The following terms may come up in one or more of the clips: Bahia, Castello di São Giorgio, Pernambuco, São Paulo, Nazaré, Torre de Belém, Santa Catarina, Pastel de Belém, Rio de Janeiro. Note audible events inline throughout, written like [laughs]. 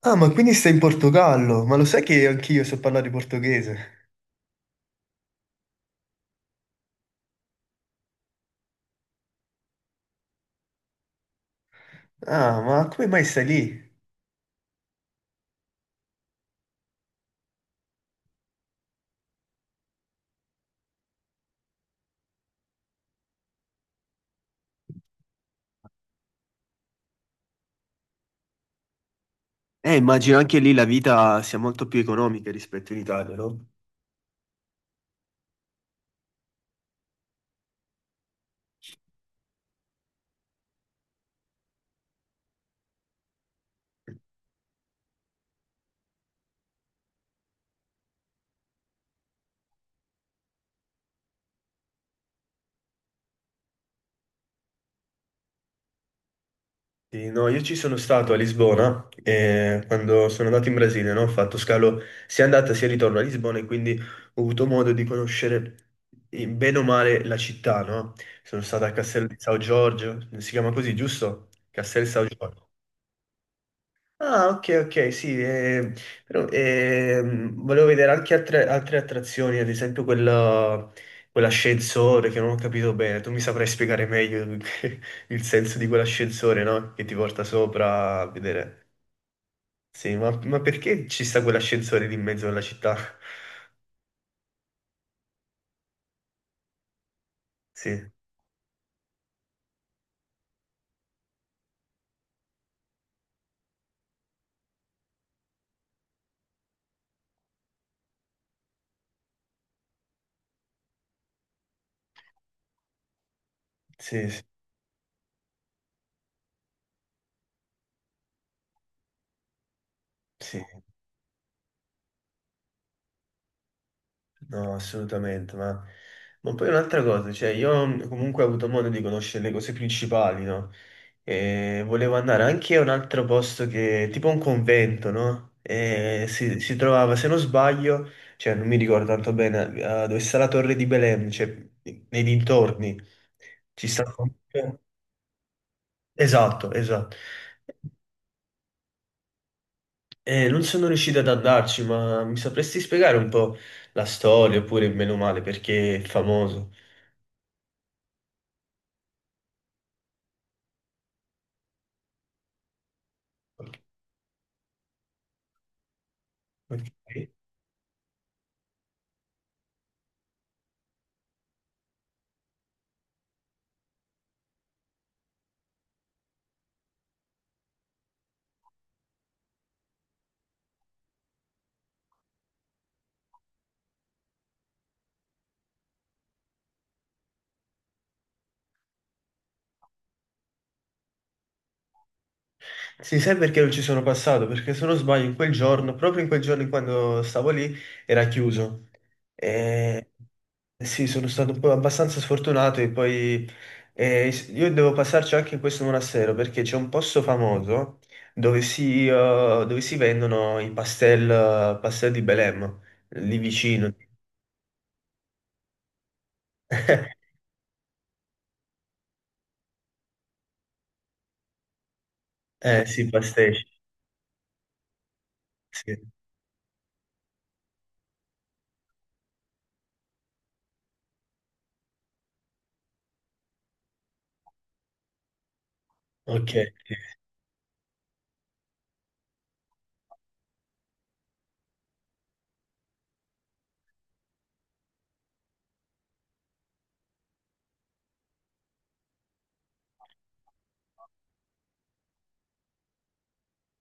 Ah, ma quindi stai in Portogallo? Ma lo sai che anch'io so parlare portoghese? Ah, ma come mai stai lì? Immagino anche lì la vita sia molto più economica rispetto in Italia, no? Sì, no, io ci sono stato a Lisbona quando sono andato in Brasile, no? Ho fatto scalo sia andata sia ritorno a Lisbona e quindi ho avuto modo di conoscere bene o male la città, no? Sono stato a Castello di São Giorgio, si chiama così, giusto? Castello di São Giorgio. Ah, ok, ok, sì, però volevo vedere anche altre attrazioni, ad esempio quella, quell'ascensore che non ho capito bene, tu mi saprai spiegare meglio [laughs] il senso di quell'ascensore, no? Che ti porta sopra a vedere. Sì, ma perché ci sta quell'ascensore lì in mezzo alla città? Sì, sì, sì. Sì. No, assolutamente, ma poi un'altra cosa, cioè io comunque ho avuto modo di conoscere le cose principali, no? E volevo andare anche a un altro posto che, tipo un convento, no? E si trovava, se non sbaglio, cioè non mi ricordo tanto bene, dove sta la torre di Belem, cioè nei dintorni. Ci sta un convento. Esatto, esatto. E non sono riuscito ad andarci, ma mi sapresti spiegare un po' la storia, oppure meno male, perché è famoso. Ok. Sì, sai perché non ci sono passato? Perché se non sbaglio in quel giorno, proprio in quel giorno in quando stavo lì, era chiuso. E... Sì, sono stato un po' abbastanza sfortunato e poi io devo passarci anche in questo monastero perché c'è un posto famoso dove dove si vendono i pastel, pastel di Belem, lì vicino. [laughs] Eh sì, pastel. Sì. Ok. Sì.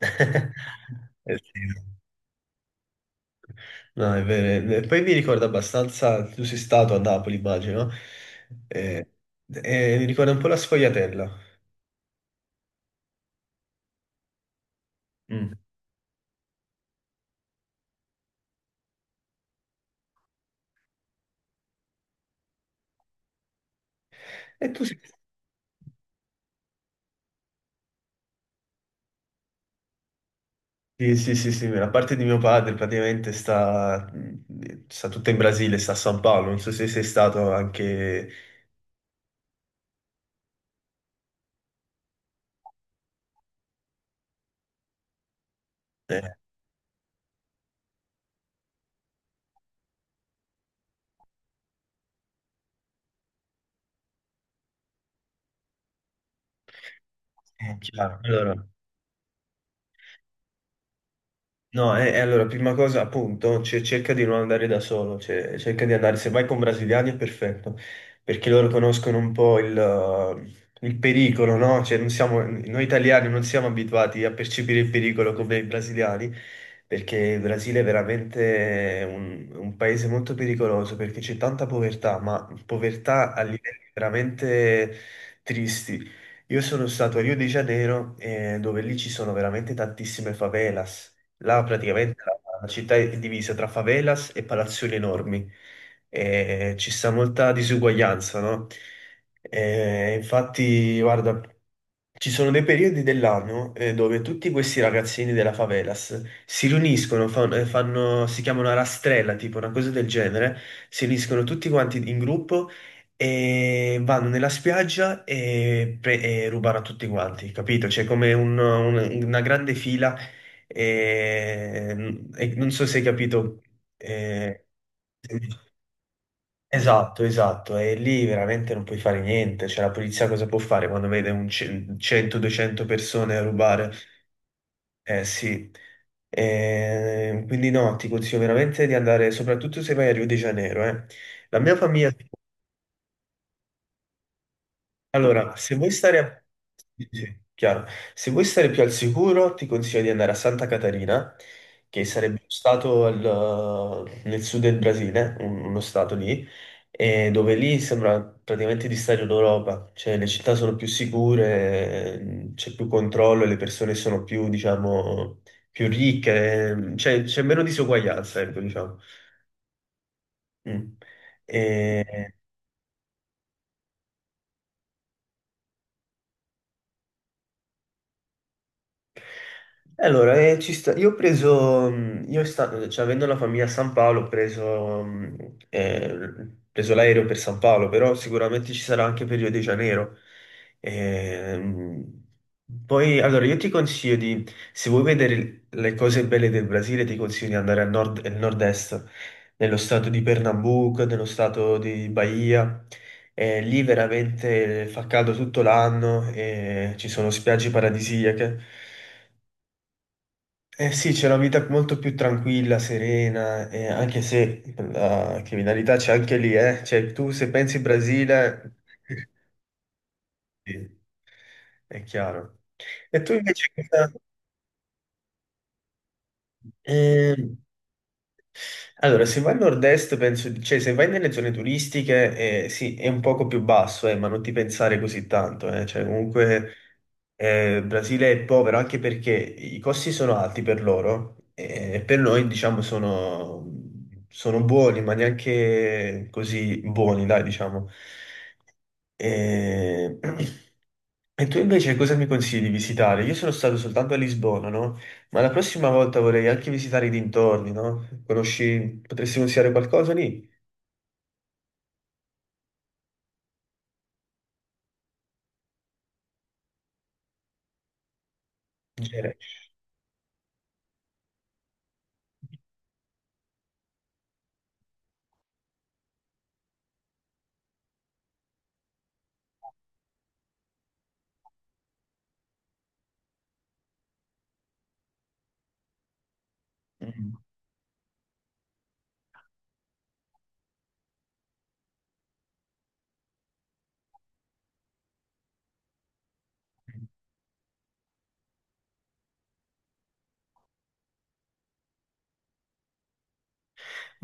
[laughs] Sì. No, è vero. È vero. Poi mi ricorda abbastanza, tu sei stato a Napoli, immagino, sì. Mi ricorda un po' la sfogliatella. Mm. E tu sei... Sì, sì, sì, sì, la parte di mio padre praticamente sta, sta tutta in Brasile, sta a San Paolo, non so se sei stato anche... eh, sì, chiaro. Allora, no, e allora, prima cosa, appunto, cioè, cerca di non andare da solo, cioè, cerca di andare, se vai con brasiliani è perfetto, perché loro conoscono un po' il pericolo, no? Cioè, non siamo- noi italiani non siamo abituati a percepire il pericolo come i brasiliani, perché il Brasile è veramente un paese molto pericoloso, perché c'è tanta povertà, ma povertà a livelli veramente tristi. Io sono stato a Rio de Janeiro, dove lì ci sono veramente tantissime favelas. Là praticamente la città è divisa tra favelas e palazzoni enormi. E ci sta molta disuguaglianza, no? E infatti, guarda, ci sono dei periodi dell'anno dove tutti questi ragazzini della favelas si riuniscono, fanno, si chiama una rastrella, tipo una cosa del genere, si riuniscono tutti quanti in gruppo e vanno nella spiaggia e, e rubano a tutti quanti, capito? C'è come un- una grande fila e non so se hai capito. eh, esatto, esatto, e lì veramente non puoi fare niente. Cioè, la polizia cosa può fare quando vede un ce- 100-200 persone a rubare? Eh sì. Quindi no, ti consiglio veramente di andare, soprattutto se vai a Rio de Janeiro, eh. La mia famiglia. Allora, se vuoi stare a- sì, sì, chiaro. Se vuoi stare più al sicuro, ti consiglio di andare a Santa Catarina, che sarebbe uno stato al- nel sud del Brasile, un- uno stato lì, e dove lì sembra praticamente di stare in Europa, cioè le città sono più sicure, c'è più controllo, le persone sono più, diciamo, più ricche, c'è meno disuguaglianza, ecco, diciamo. Mm. E- E allora, ci sta- io ho preso, io sta- cioè, avendo la famiglia a San Paolo, ho preso, ho preso l'aereo per San Paolo, però sicuramente ci sarà anche per Rio de Janeiro. Ehm, Poi, allora, io ti consiglio di, se vuoi vedere le cose belle del Brasile, ti consiglio di andare al nord, nel nord-est, nello stato di Pernambuco, nello stato di Bahia. Lì veramente fa caldo tutto l'anno, e ci sono spiagge paradisiache. Eh sì, c'è una vita molto più tranquilla, serena, anche se la criminalità c'è anche lì, eh. Cioè, tu se pensi Brasile, [laughs] sì, è chiaro. E tu invece cosa, eh, allora, se vai al nord-est, penso, cioè se vai nelle zone turistiche, sì, è un poco più basso, ma non ti pensare così tanto, eh. Cioè, comunque Brasile è povero anche perché i costi sono alti per loro e per noi, diciamo, sono, sono buoni, ma neanche così buoni, dai, diciamo. Eh, [clears throat] e tu invece cosa mi consigli di visitare? Io sono stato soltanto a Lisbona, no? Ma la prossima volta vorrei anche visitare i dintorni, no? Conosci, potresti consigliare qualcosa lì? In genere. Mm.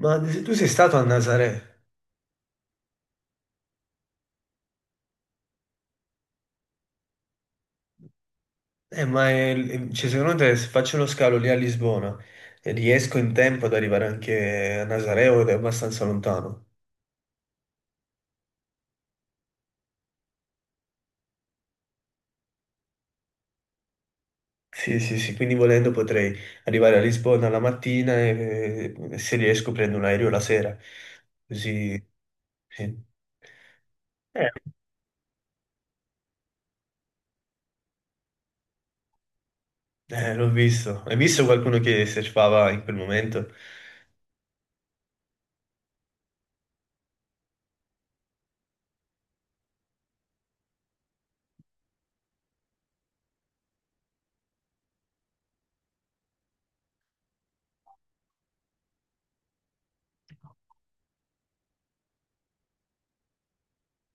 Ma se tu sei stato a Nazaré, cioè, secondo te se faccio uno scalo lì a Lisbona, riesco in tempo ad arrivare anche a Nazaré o è abbastanza lontano? Sì, sì, sì, quindi volendo potrei arrivare a Lisbona la mattina e se riesco prendo un aereo la sera. Così, sì. Eh, l'ho visto. Hai visto qualcuno che surfava in quel momento?